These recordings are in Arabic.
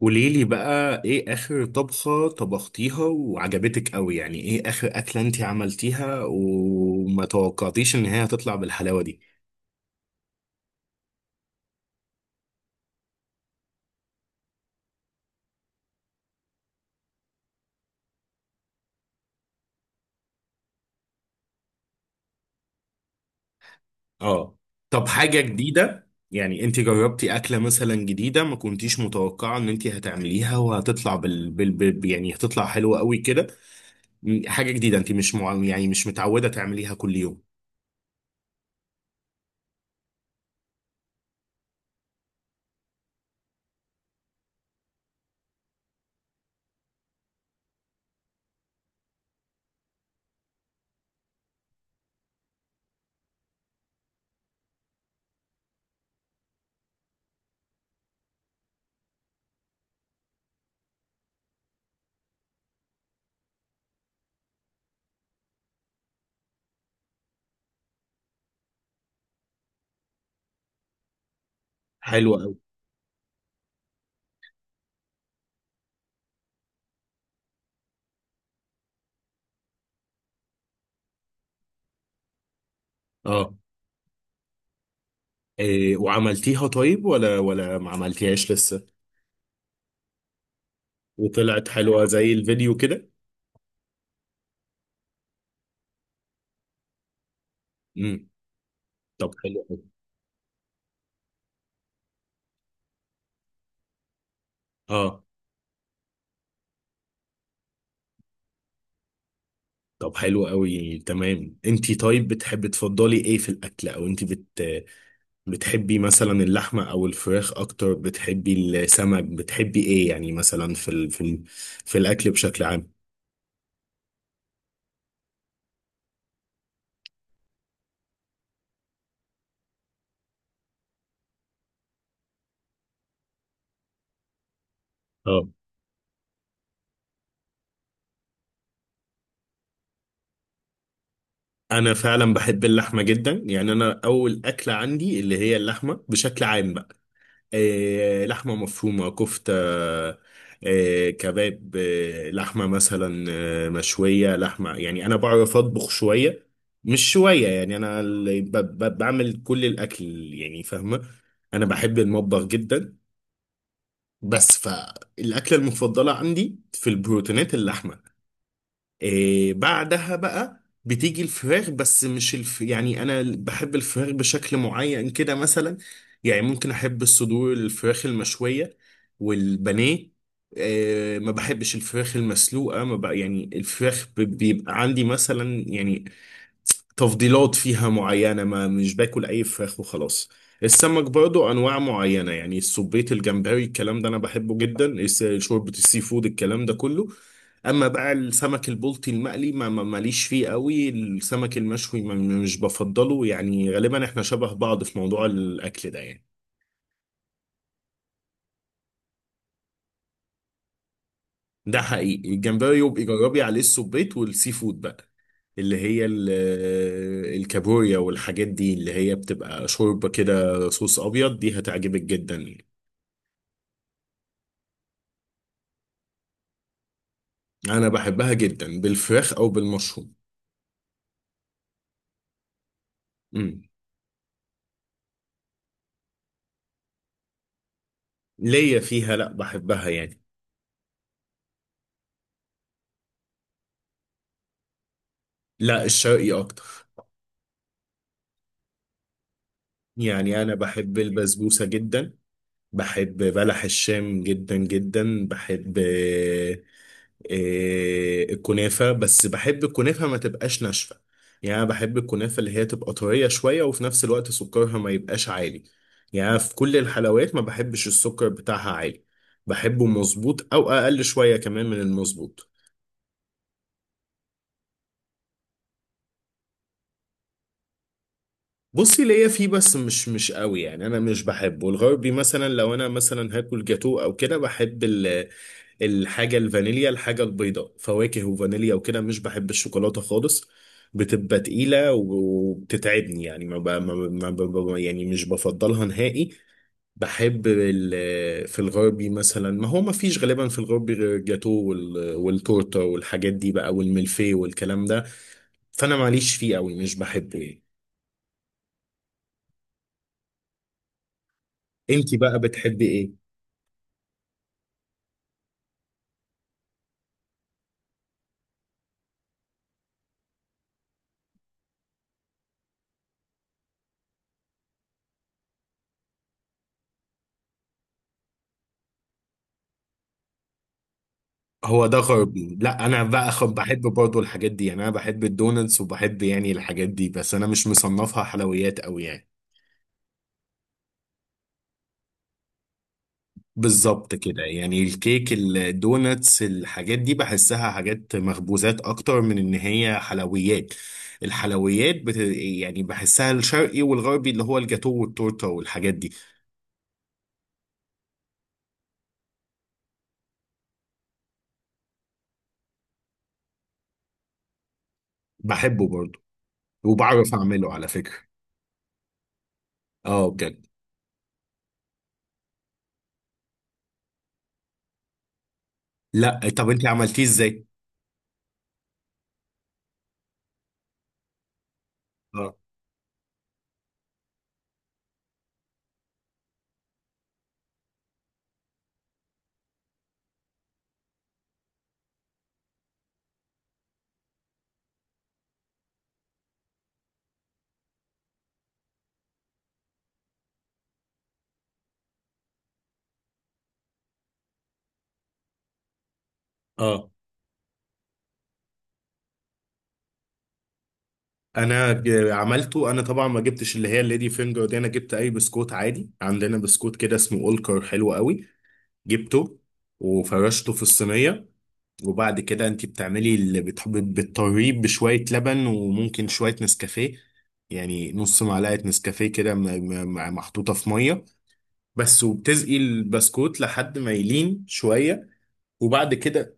قوليلي بقى ايه اخر طبخة طبختيها وعجبتك قوي؟ يعني ايه اخر اكلة انتي عملتيها وما توقعتيش ان هي هتطلع بالحلاوة دي؟ اه. طب حاجة جديدة، يعني انتي جربتي اكلة مثلا جديدة ما كنتيش متوقعة ان انتي هتعمليها وهتطلع يعني هتطلع حلوة قوي كده؟ حاجة جديدة انتي مش يعني مش متعودة تعمليها كل يوم. حلوة قوي. اه. إيه، وعملتيها طيب ولا ما عملتيهاش لسه؟ وطلعت حلوة زي الفيديو كده؟ طب حلو أوي. اه. طب حلو قوي، تمام. انتي طيب بتحبي تفضلي ايه في الاكل؟ او انتي بتحبي مثلا اللحمه او الفراخ اكتر؟ بتحبي السمك؟ بتحبي ايه يعني مثلا في في الاكل بشكل عام؟ اه. انا فعلا بحب اللحمه جدا، يعني انا اول اكله عندي اللي هي اللحمه بشكل عام بقى. لحمة مفرومة، كفتة، كباب، لحمة مثلا، مشوية، لحمة يعني. أنا بعرف أطبخ شوية، مش شوية، يعني أنا بعمل كل الأكل يعني، فاهمة؟ أنا بحب المطبخ جدا. بس فالأكلة المفضلة عندي في البروتينات اللحمة. إيه بعدها بقى بتيجي الفراخ، بس مش يعني انا بحب الفراخ بشكل معين كده مثلا. يعني ممكن احب الصدور، الفراخ المشوية والبانيه. إيه، ما بحبش الفراخ المسلوقة. ما بقى يعني الفراخ بيبقى عندي مثلا يعني تفضيلات فيها معينة، ما مش باكل أي فراخ وخلاص. السمك برضو أنواع معينة، يعني السبيط، الجمبري، الكلام ده أنا بحبه جدا. شوربة السي فود الكلام ده كله. أما بقى السمك البلطي المقلي ماليش فيه قوي. السمك المشوي ما مش بفضله. يعني غالبا إحنا شبه بعض في موضوع الأكل ده يعني. ده حقيقي. الجمبري يبقى جربي عليه السبيط والسي فود بقى، اللي هي الكابوريا والحاجات دي، اللي هي بتبقى شوربة كده صوص أبيض، دي هتعجبك جدا يعني. أنا بحبها جدا بالفراخ أو بالمشروم. امم. ليا فيها، لأ بحبها يعني. لأ، الشرقي أكتر. يعني أنا بحب البسبوسة جدا، بحب بلح الشام جدا جدا، بحب الكنافة. بس بحب الكنافة ما تبقاش ناشفة، يعني أنا بحب الكنافة اللي هي تبقى طرية شوية، وفي نفس الوقت سكرها ما يبقاش عالي. يعني في كل الحلويات ما بحبش السكر بتاعها عالي، بحبه مظبوط أو أقل شوية كمان من المظبوط. بصي، ليا فيه بس مش قوي. يعني انا مش بحبه الغربي. مثلا لو انا مثلا هاكل جاتوه او كده، بحب الحاجة الفانيليا، الحاجة البيضاء، فواكه وفانيليا وكده. مش بحب الشوكولاتة خالص، بتبقى تقيلة وبتتعبني. يعني ما, ب... ما, ب... ما ب... ما- يعني مش بفضلها نهائي. بحب في الغربي مثلا، ما هو ما فيش غالبا في الغربي غير الجاتو والتورتة والحاجات دي بقى، والملفيه والكلام ده. فأنا ماليش فيه قوي، مش بحبه يعني. انتي بقى بتحبي ايه؟ هو ده غربي؟ لا انا بقى بحب برضو الحاجات دي. يعني انا بحب الدونتس وبحب يعني الحاجات دي، بس انا مش مصنفها حلويات قوي يعني. بالظبط كده. يعني الكيك، الدونتس، الحاجات دي بحسها حاجات مخبوزات اكتر من ان هي حلويات. الحلويات يعني بحسها الشرقي والغربي، اللي هو الجاتو والتورته والحاجات دي. بحبه برضو، وبعرف اعمله على فكرة. اه بجد. لا، طب انت عملتيه ازاي؟ اه اه. انا عملته. انا طبعا ما جبتش اللي هي الليدي فينجر دي، انا جبت اي بسكوت عادي. عندنا بسكوت كده اسمه اولكر حلو قوي، جبته وفرشته في الصينيه. وبعد كده انت بتعملي اللي بتحبي، بتطريه بشويه لبن وممكن شويه نسكافيه. يعني نص معلقه نسكافيه كده محطوطه في ميه بس، وبتسقي البسكوت لحد ما يلين شويه. وبعد كده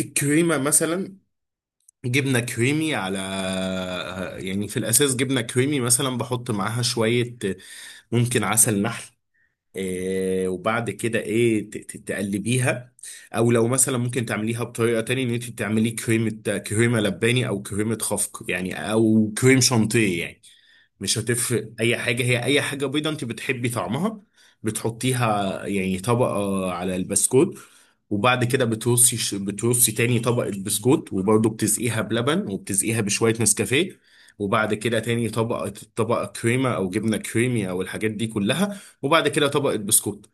الكريمه مثلا، جبنة كريمي على، يعني في الأساس جبنة كريمي، مثلا بحط معاها شوية ممكن عسل نحل. إيه، وبعد كده إيه تقلبيها. أو لو مثلا ممكن تعمليها بطريقة تانية، إن أنت تعملي كريمة، لباني أو كريمة خفق يعني، أو كريم شانتيه يعني. مش هتفرق اي حاجه، هي اي حاجه بيضه انت بتحبي طعمها، بتحطيها يعني طبقه على البسكوت. وبعد كده بترصي، تاني طبقه بسكوت، وبرضه بتسقيها بلبن وبتسقيها بشويه نسكافيه. وبعد كده تاني طبقه، طبقه كريمه او جبنه كريمي او الحاجات دي كلها، وبعد كده طبقه بسكوت.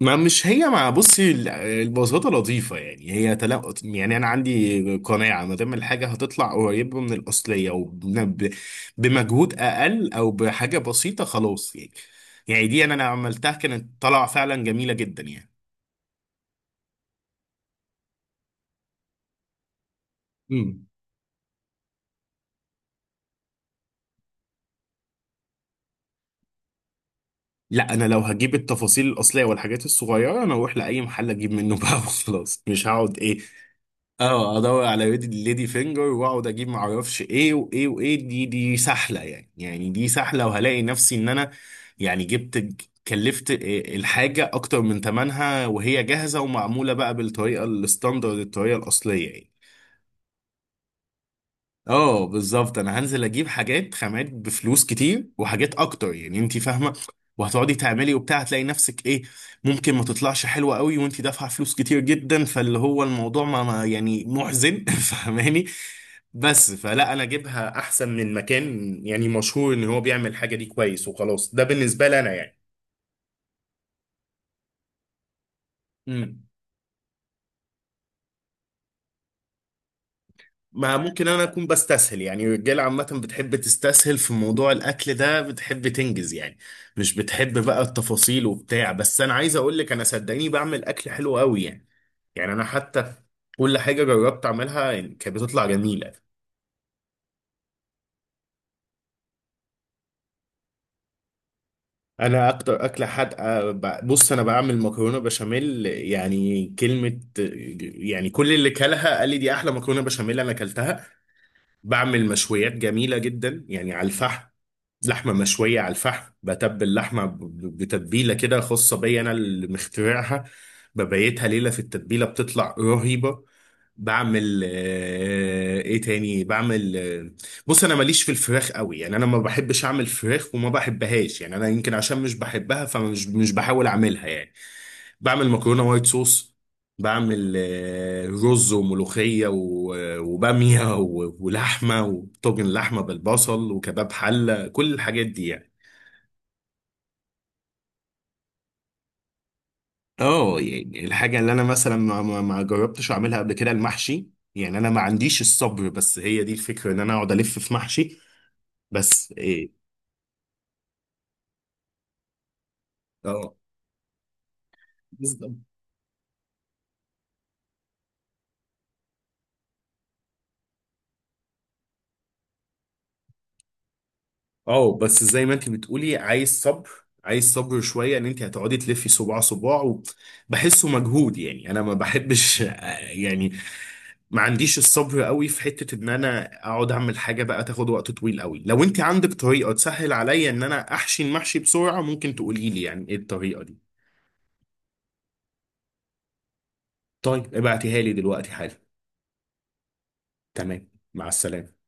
ما مش هي. مع بصي، البساطة لطيفة. يعني هي تلا، يعني أنا عندي قناعة ما دام الحاجة هتطلع قريبة من الأصلية، وبمجهود أقل أو بحاجة بسيطة، خلاص يعني. يعني دي أنا عملتها كانت طالعة فعلا جميلة جدا. يعني لا، انا لو هجيب التفاصيل الاصليه والحاجات الصغيره، انا اروح لاي محل اجيب منه بقى وخلاص. مش هقعد ايه، اه ادور على ليدي فينجر واقعد اجيب ما اعرفش ايه وايه وايه، دي سهله يعني. يعني دي سهله، وهلاقي نفسي ان انا يعني جبت، كلفت الحاجه اكتر من ثمنها وهي جاهزه ومعموله بقى بالطريقه الستاندرد، الطريقه الاصليه يعني. اه بالظبط. انا هنزل اجيب حاجات خامات بفلوس كتير وحاجات اكتر. يعني انت فاهمه، وهتقعدي تعملي وبتاع هتلاقي نفسك ايه. ممكن ما تطلعش حلوه قوي وانت دافعه فلوس كتير جدا. فاللي هو الموضوع يعني محزن فاهماني؟ بس فلا، انا اجيبها احسن من مكان يعني مشهور ان هو بيعمل الحاجه دي كويس وخلاص. ده بالنسبه لي انا يعني. ما ممكن انا اكون بستسهل يعني. الرجاله عامه بتحب تستسهل في موضوع الاكل ده، بتحب تنجز يعني، مش بتحب بقى التفاصيل وبتاع. بس انا عايز اقول لك، انا صدقيني بعمل اكل حلو قوي يعني. يعني انا حتى كل حاجه جربت اعملها يعني كانت بتطلع جميله. انا اكتر اكله حادقه، بص انا بعمل مكرونه بشاميل. يعني كلمه، يعني كل اللي كلها قال لي دي احلى مكرونه بشاميل انا اكلتها. بعمل مشويات جميله جدا يعني على الفحم. لحمة مشوية على الفحم، بتبل لحمة بتتبيلة كده خاصة بيا أنا اللي مخترعها، ببيتها ليلة في التتبيلة بتطلع رهيبة. بعمل ايه تاني، بعمل بص انا ماليش في الفراخ قوي. يعني انا ما بحبش اعمل فراخ وما بحبهاش. يعني انا يمكن عشان مش بحبها، فمش مش بحاول اعملها يعني. بعمل مكرونة وايت صوص، بعمل رز وملوخية وبامية ولحمة وطاجن لحمة بالبصل وكباب حلة، كل الحاجات دي يعني. اه. يعني الحاجة اللي انا مثلا ما جربتش اعملها قبل كده، المحشي. يعني انا ما عنديش الصبر، بس هي دي الفكرة ان انا اقعد الف في محشي. بس ايه. اه اه. بس زي ما انت بتقولي، عايز صبر، عايز صبر شويه، ان انت هتقعدي تلفي صباع صباع. وبحسه مجهود، يعني انا ما بحبش يعني. ما عنديش الصبر قوي في حته ان انا اقعد اعمل حاجه بقى تاخد وقت طويل قوي. لو انت عندك طريقه تسهل عليا ان انا احشي المحشي بسرعه، ممكن تقولي لي يعني ايه الطريقه دي. طيب ابعتيها لي دلوقتي حالا. تمام. مع السلامه.